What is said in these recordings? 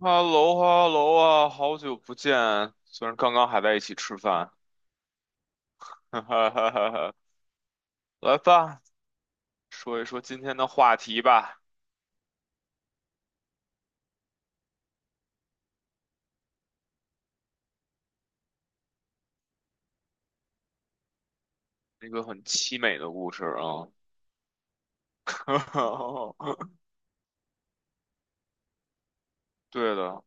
哈喽哈喽啊，好久不见！虽然刚刚还在一起吃饭，哈哈哈哈哈。来吧，说一说今天的话题吧，一个很凄美的故事啊。对的，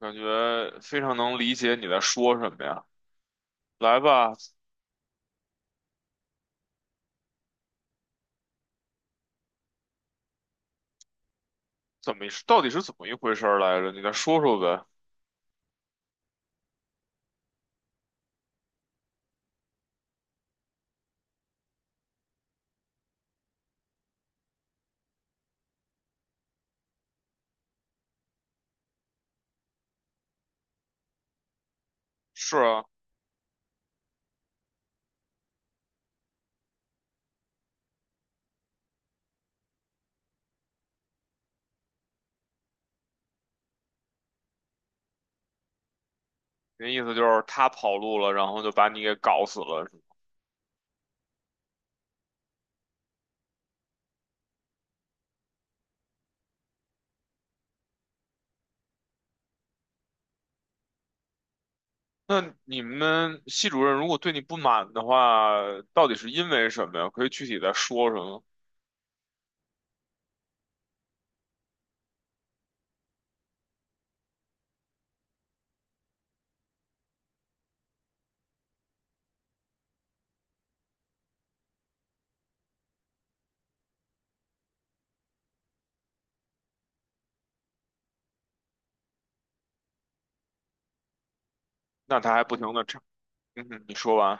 感觉非常能理解你在说什么呀。来吧，怎么到底是怎么一回事儿来着？你再说说呗。是啊，那意思就是他跑路了，然后就把你给搞死了。那你们系主任如果对你不满的话，到底是因为什么呀？可以具体再说什么？那他还不停的插，嗯哼，你说完，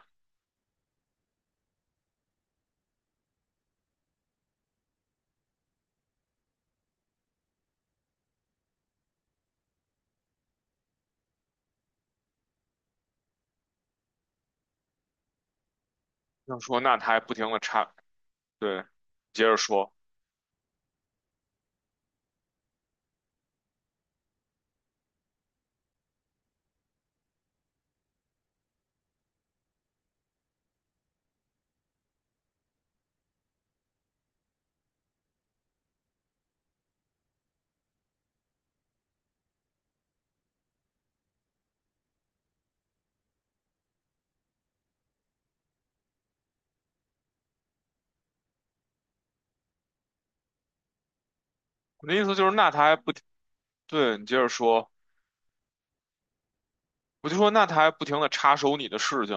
要说那他还不停的插，对，接着说，我的意思就是那他还不停，对，你接着说，我就说那他还不停的插手你的事情，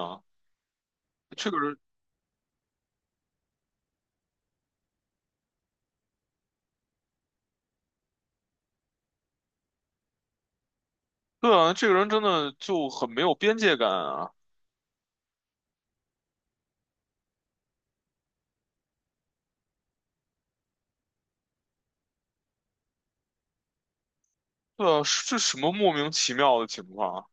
这个人，对啊，这个人真的就很没有边界感啊，对啊，是这什么莫名其妙的情况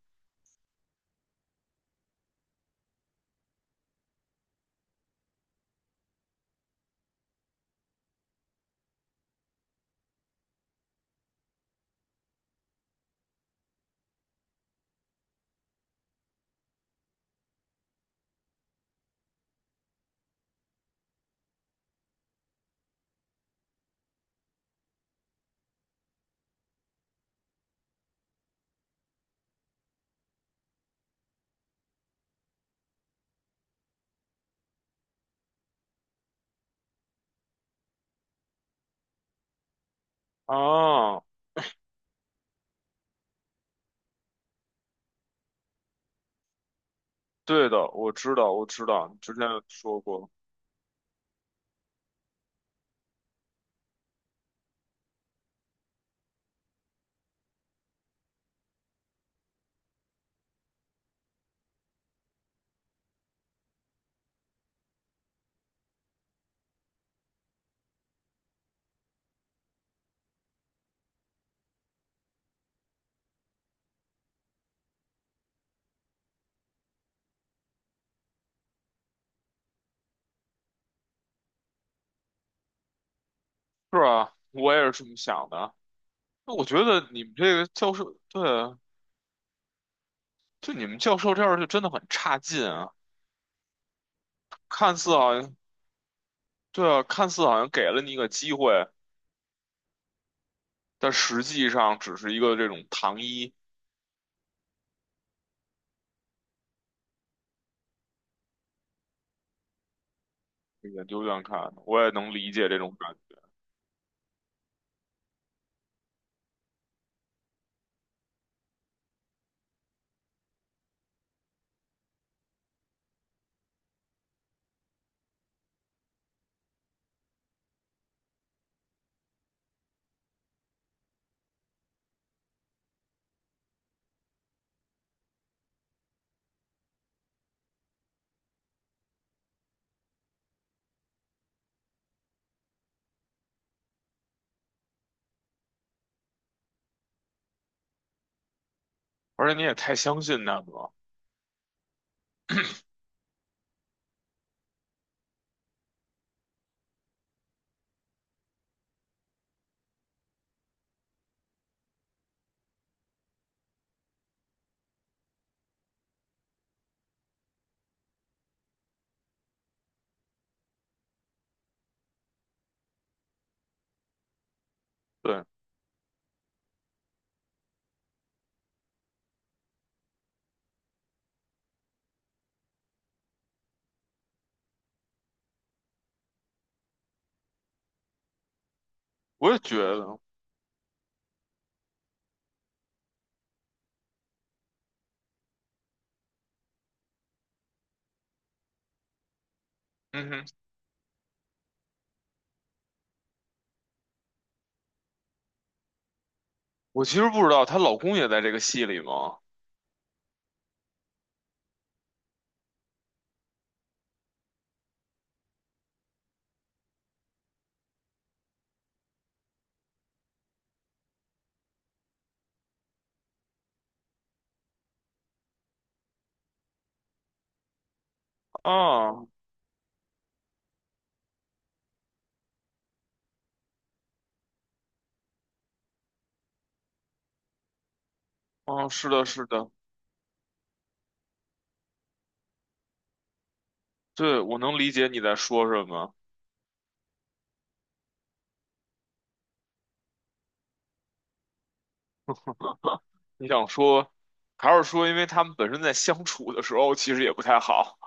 啊？啊，对的，我知道，我知道，你之前有说过，是啊，我也是这么想的。那我觉得你们这个教授，对，啊，就你们教授这样就真的很差劲啊！看似好像，对啊，看似好像给了你一个机会，但实际上只是一个这种糖衣。给研究院看的，我也能理解这种感觉，而且你也太相信他们了。对，我也觉得，嗯哼，我其实不知道她老公也在这个戏里吗？啊，啊，是的，是的，对，我能理解你在说什么。你想说，还是说因为他们本身在相处的时候其实也不太好？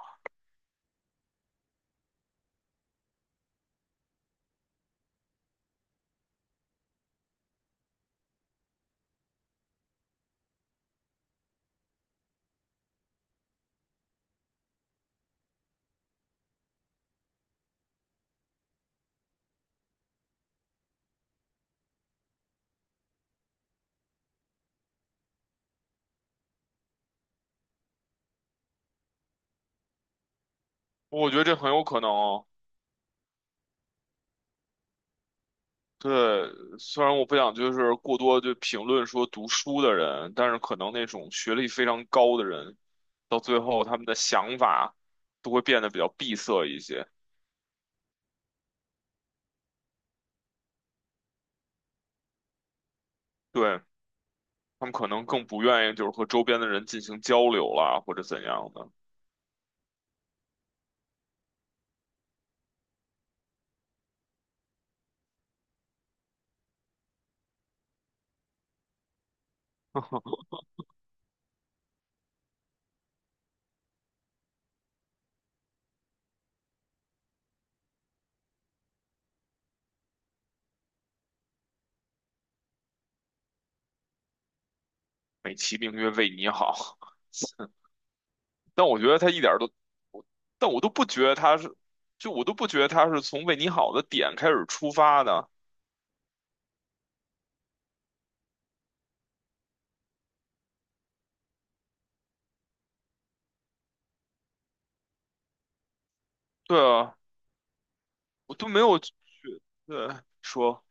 我觉得这很有可能哦。对，虽然我不想就是过多就评论说读书的人，但是可能那种学历非常高的人，到最后他们的想法都会变得比较闭塞一些。对，他们可能更不愿意就是和周边的人进行交流啦，或者怎样的。美其名曰为你好，但我觉得他一点儿都，但我都不觉得他是，就我都不觉得他是从为你好的点开始出发的。对啊，我都没有觉得说，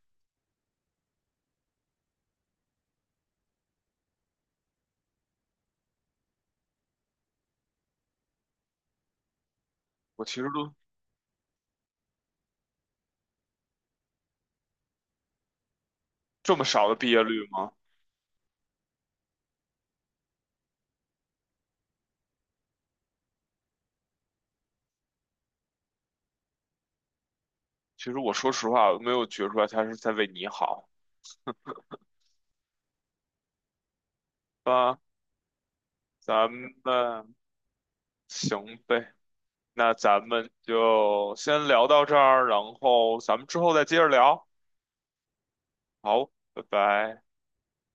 我其实都这么少的毕业率吗？其实我说实话，我没有觉出来他是在为你好啊。咱们行呗，那咱们就先聊到这儿，然后咱们之后再接着聊。好，拜拜。